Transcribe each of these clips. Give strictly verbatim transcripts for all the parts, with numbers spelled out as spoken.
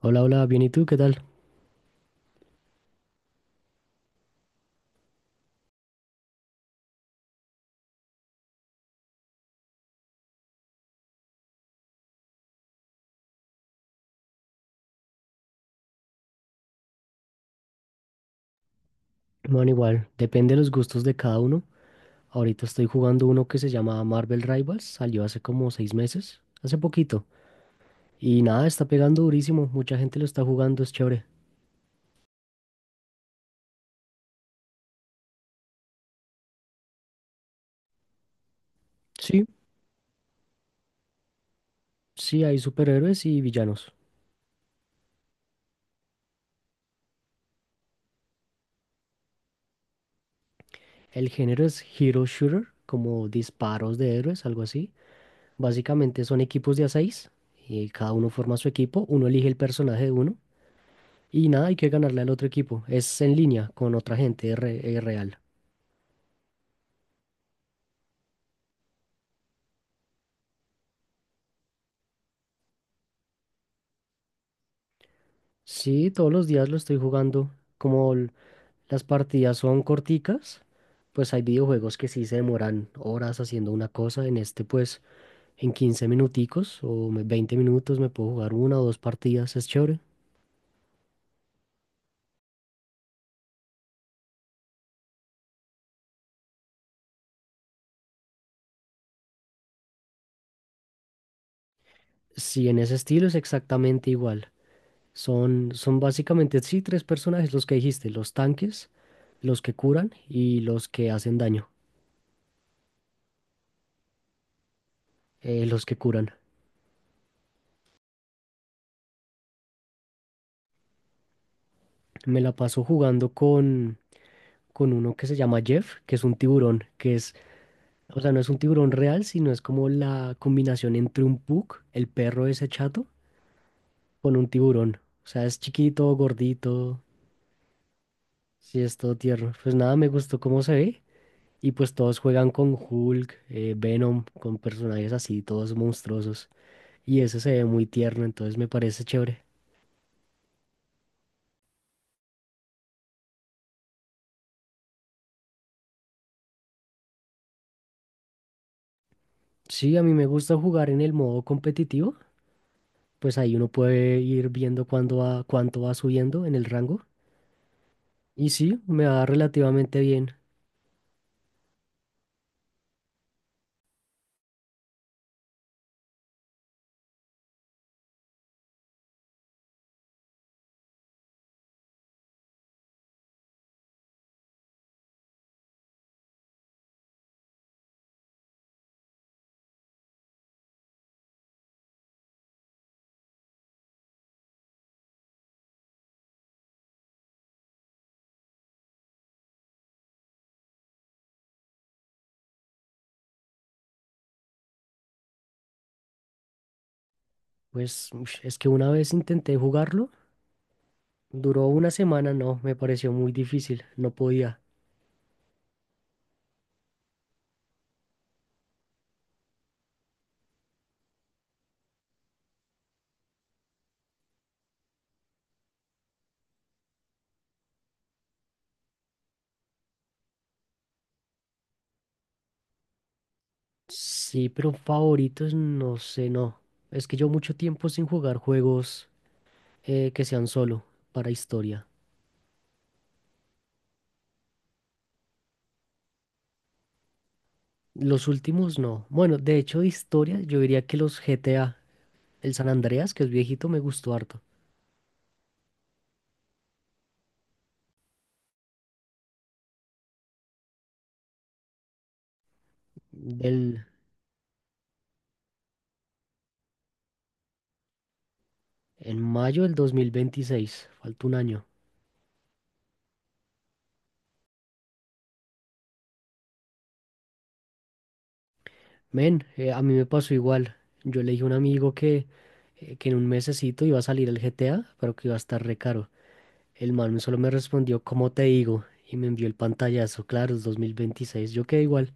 Hola, hola, bien, ¿y tú qué tal? Bueno, igual, depende de los gustos de cada uno. Ahorita estoy jugando uno que se llama Marvel Rivals, salió hace como seis meses, hace poquito. Y nada, está pegando durísimo, mucha gente lo está jugando, es chévere. Sí, sí, hay superhéroes y villanos. El género es Hero Shooter, como disparos de héroes, algo así. Básicamente son equipos de a seis y cada uno forma su equipo, uno elige el personaje de uno y nada, hay que ganarle al otro equipo. Es en línea con otra gente re- eh, real. Sí, todos los días lo estoy jugando. Como l- las partidas son corticas, pues hay videojuegos que sí se demoran horas haciendo una cosa. En este, pues, en quince minuticos o me- veinte minutos me puedo jugar una o dos partidas, es chévere. Sí, en ese estilo es exactamente igual. Son, son básicamente, sí, tres personajes los que dijiste, los tanques, los que curan y los que hacen daño, eh, los que curan. Me la paso jugando con, con uno que se llama Jeff, que es un tiburón, que es o sea, no es un tiburón real, sino es como la combinación entre un pug, el perro ese chato, con un tiburón. O sea, es chiquito, gordito, sí, es todo tierno. Pues nada, me gustó cómo se ve. Y pues todos juegan con Hulk, eh, Venom, con personajes así, todos monstruosos. Y ese se ve muy tierno, entonces me parece chévere. Sí, a mí me gusta jugar en el modo competitivo. Pues ahí uno puede ir viendo cuándo va, cuánto va subiendo en el rango. Y sí, me va relativamente bien. Pues ush, es que una vez intenté jugarlo, duró una semana, no, me pareció muy difícil, no podía. Sí, pero favoritos, no sé, no. Es que yo mucho tiempo sin jugar juegos eh, que sean solo para historia. Los últimos no. Bueno, de hecho de historia yo diría que los G T A, el San Andreas, que es viejito, me gustó harto. Del, en mayo del dos mil veintiséis, falta un año. Men, eh, a mí me pasó igual. Yo le dije a un amigo que eh, que en un mesecito iba a salir el G T A, pero que iba a estar re caro. El man solo me respondió, ¿cómo te digo? Y me envió el pantallazo, claro, es dos mil veintiséis. Yo quedé igual.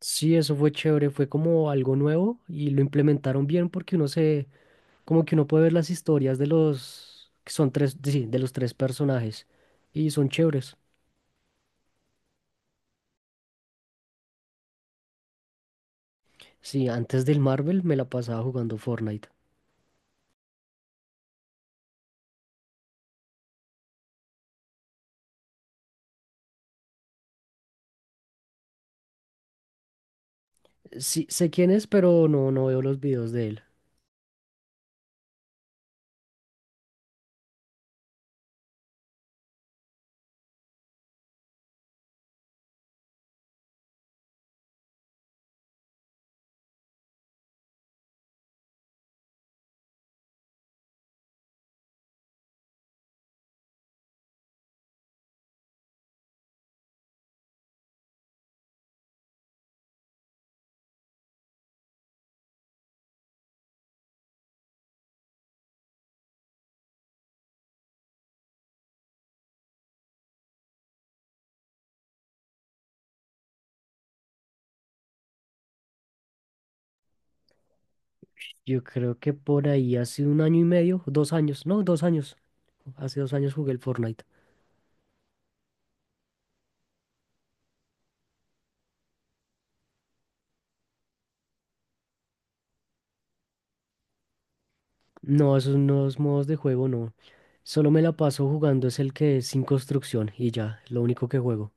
Sí, eso fue chévere, fue como algo nuevo y lo implementaron bien porque uno se, como que uno puede ver las historias de los, que son tres, sí, de los tres personajes y son chéveres. Sí, antes del Marvel me la pasaba jugando Fortnite. Sí, sé quién es, pero no, no veo los videos de él. Yo creo que por ahí hace un año y medio, dos años, no, dos años, hace dos años jugué el Fortnite. No, esos nuevos modos de juego no. Solo me la paso jugando es el que es sin construcción y ya, lo único que juego.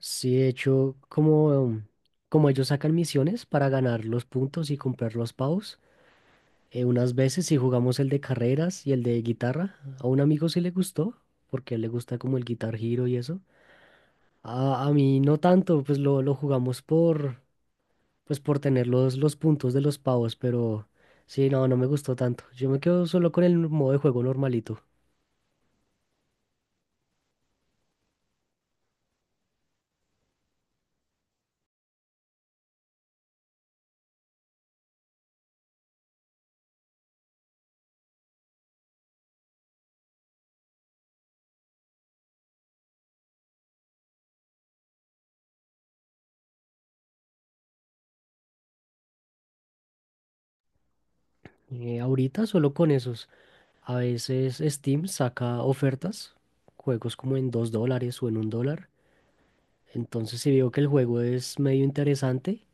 Sí, de hecho, como, um, como ellos sacan misiones para ganar los puntos y comprar los pavos, eh, unas veces sí jugamos el de carreras y el de guitarra. A un amigo sí le gustó, porque a él le gusta como el Guitar Hero y eso. A, a mí no tanto, pues lo, lo jugamos por, pues por tener los, los puntos de los pavos, pero sí, no, no me gustó tanto. Yo me quedo solo con el modo de juego normalito. Eh, ahorita solo con esos. A veces Steam saca ofertas, juegos como en dos dólares o en un dólar. Entonces si veo que el juego es medio interesante,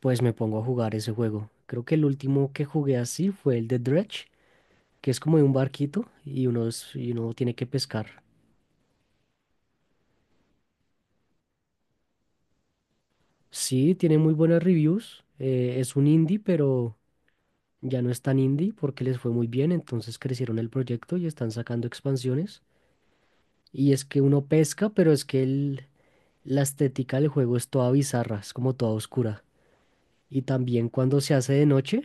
pues me pongo a jugar ese juego. Creo que el último que jugué así fue el de Dredge, que es como de un barquito y uno, es- y uno tiene que pescar. Sí, tiene muy buenas reviews. Eh, es un indie, pero... Ya no es tan indie porque les fue muy bien, entonces crecieron el proyecto y están sacando expansiones. Y es que uno pesca, pero es que el- la estética del juego es toda bizarra, es como toda oscura. Y también cuando se hace de noche,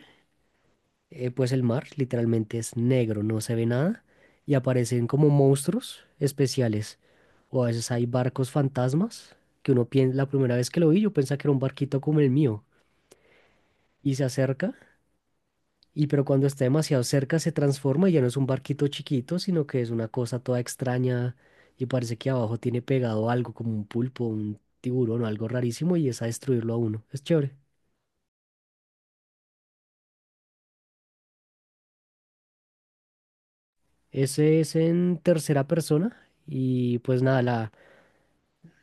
eh, pues el mar literalmente es negro, no se ve nada. Y aparecen como monstruos especiales. O a veces hay barcos fantasmas, que uno piensa, la primera vez que lo vi yo pensaba que era un barquito como el mío. Y se acerca. Y pero cuando está demasiado cerca se transforma y ya no es un barquito chiquito, sino que es una cosa toda extraña y parece que abajo tiene pegado algo como un pulpo, un tiburón o algo rarísimo y es a destruirlo a uno. Es chévere. Ese es en tercera persona y pues nada, la,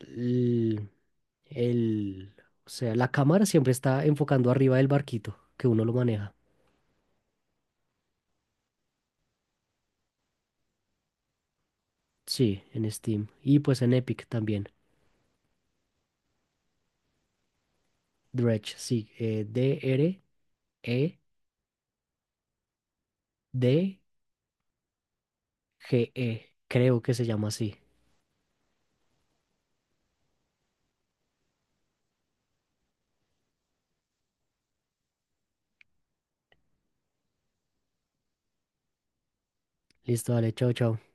el, el- o sea, la cámara siempre está enfocando arriba del barquito que uno lo maneja. Sí, en Steam y pues en Epic también. Dredge, sí, eh, d r e d g e, creo que se llama así. Listo, dale, chao, chao.